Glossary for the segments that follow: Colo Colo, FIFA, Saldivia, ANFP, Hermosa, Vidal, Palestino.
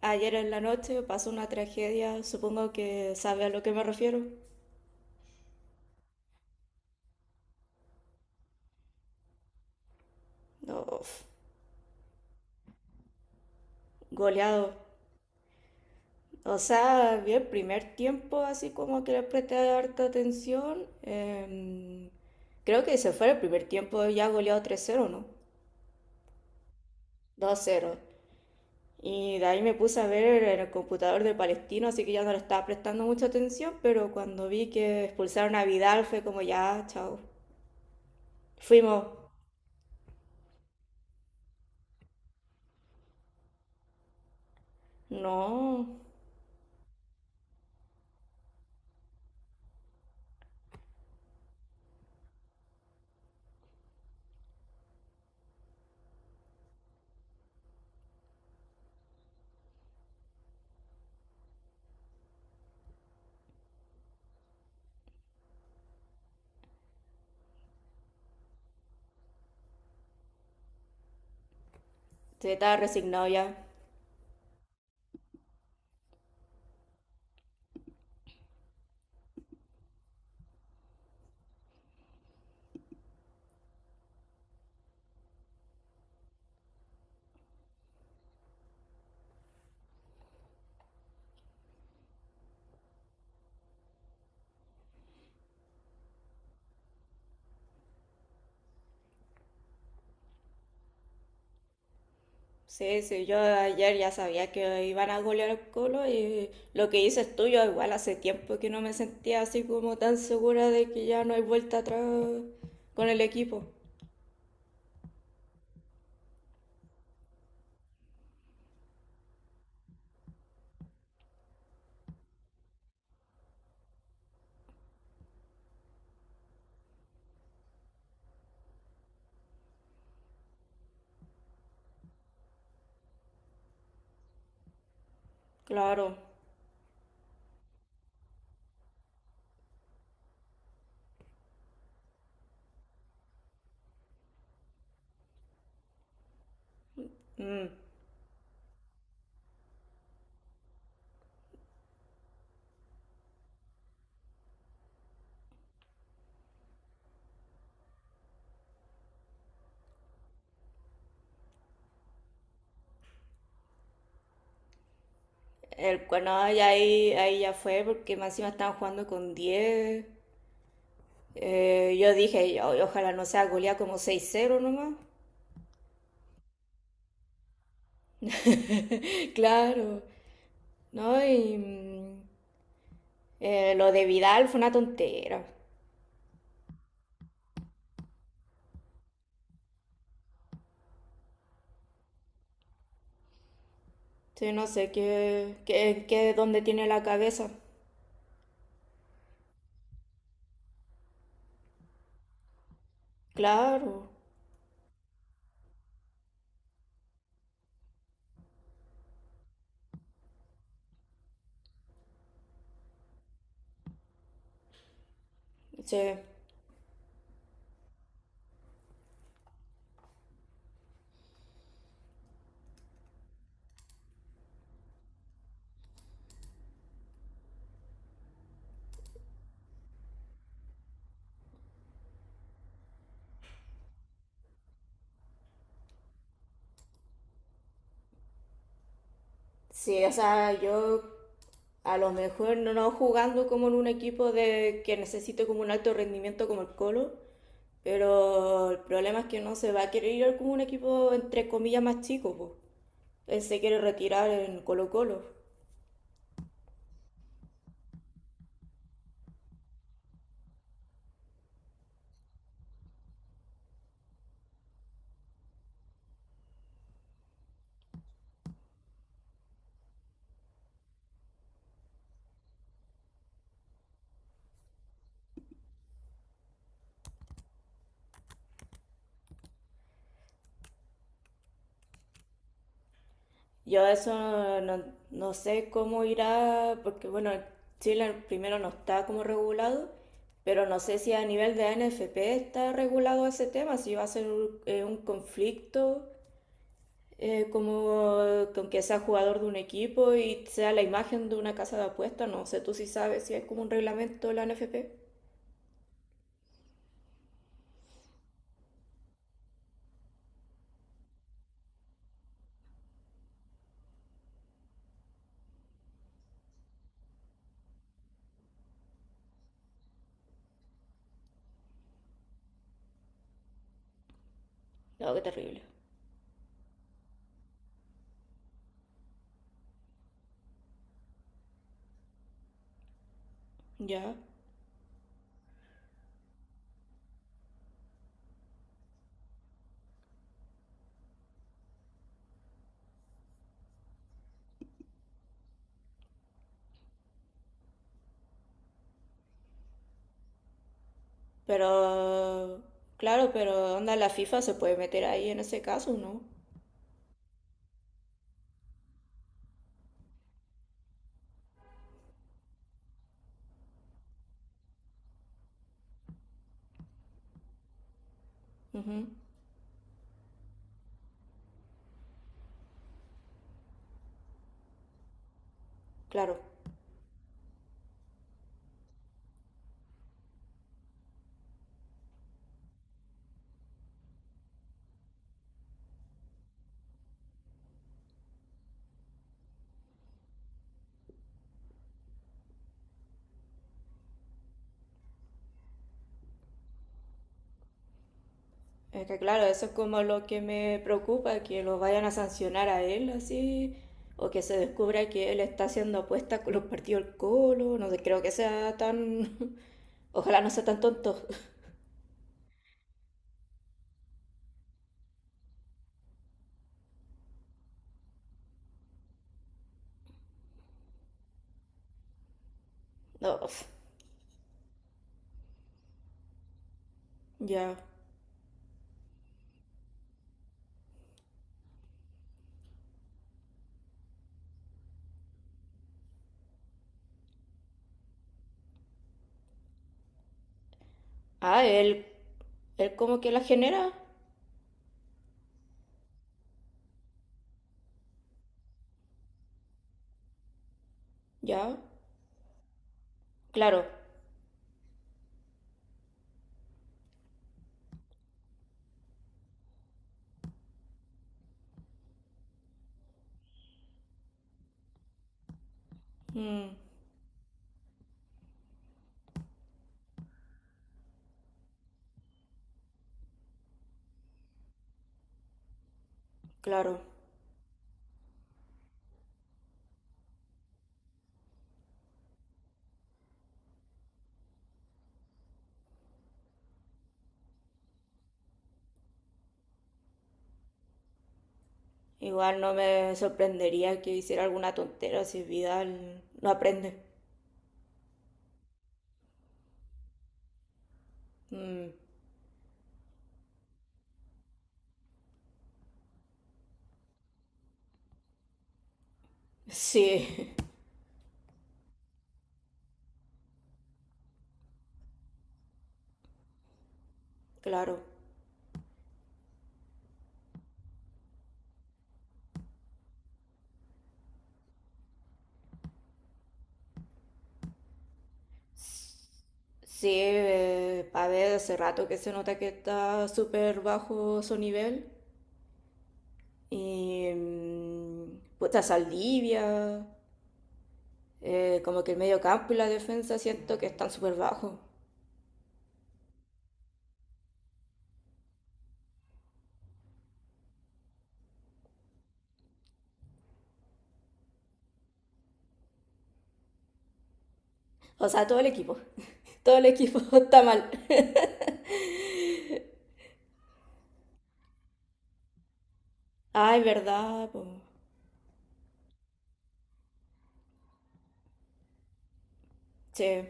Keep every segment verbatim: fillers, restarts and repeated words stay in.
Ayer en la noche pasó una tragedia, supongo que sabe a lo que me refiero. Uf, goleado. O sea, vi el primer tiempo así como que le presté harta atención. Em, creo que se fue el primer tiempo ya goleado tres cero, ¿no? Dos cero. Y de ahí me puse a ver en el computador de Palestino, así que ya no le estaba prestando mucha atención, pero cuando vi que expulsaron a Vidal fue como ya, chao. Fuimos. No, se estaba resignado ya. Sí, sí, yo ayer ya sabía que iban a golear el Colo, y lo que dices tú, yo igual hace tiempo que no me sentía así como tan segura de que ya no hay vuelta atrás con el equipo. Claro. Mm. El, no, y ahí, ahí ya fue porque más encima estaban jugando con diez. Eh, yo dije: "O- ojalá no sea goleada como seis a cero nomás". Claro. No, y mm, eh, lo de Vidal fue una tontera. Sí, no sé qué, qué, qué, dónde tiene la cabeza. Claro, sí. Sí, o sea, yo a lo mejor no, no jugando como en un equipo de que necesite como un alto rendimiento como el Colo, pero el problema es que no se va a querer ir como un equipo entre comillas más chico, pues. Él se quiere retirar en Colo Colo. Yo eso no, no sé cómo irá, porque bueno, Chile primero no está como regulado, pero no sé si a nivel de A N F P está regulado ese tema, si va a ser un, eh, un conflicto eh, como con que sea jugador de un equipo y sea la imagen de una casa de apuestas, no sé tú si sabes si es como un reglamento de la A N F P. No, qué terrible. Ya. Pero, claro, pero onda, la FIFA se puede meter ahí en ese caso, ¿no? Ujú. Claro. Es que claro, eso es como lo que me preocupa, que lo vayan a sancionar a él así, o que se descubra que él está haciendo apuestas con los partidos del Colo, no sé, creo que sea tan... Ojalá no sea tan tonto. No, uf, ya. Ah, él... Él como que la genera, ya. Claro. Mm, claro. Igual no me sorprendería que hiciera alguna tontera si Vidal no aprende. Mm, sí, claro. Sí, eh, a ver, hace rato que se nota que está súper bajo su nivel. Y mm, puta Saldivia, eh, como que el medio campo y la defensa siento que están súper bajos. O sea, todo el equipo. Todo el equipo está mal. Ay, verdad, po. Sí.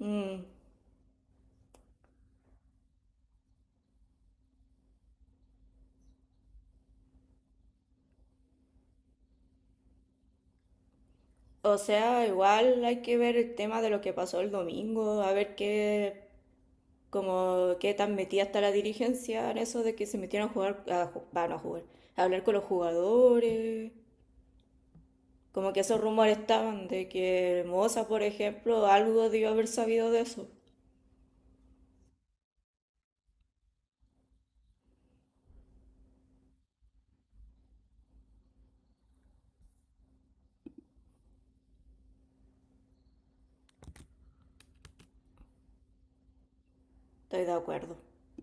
Mm. O sea, igual hay que ver el tema de lo que pasó el domingo, a ver qué, como qué tan metida está la dirigencia en eso de que se metieron a jugar, a, ju- va, no a jugar, a hablar con los jugadores, como que esos rumores estaban de que Hermosa, por ejemplo, algo debió haber sabido de eso. Estoy de acuerdo.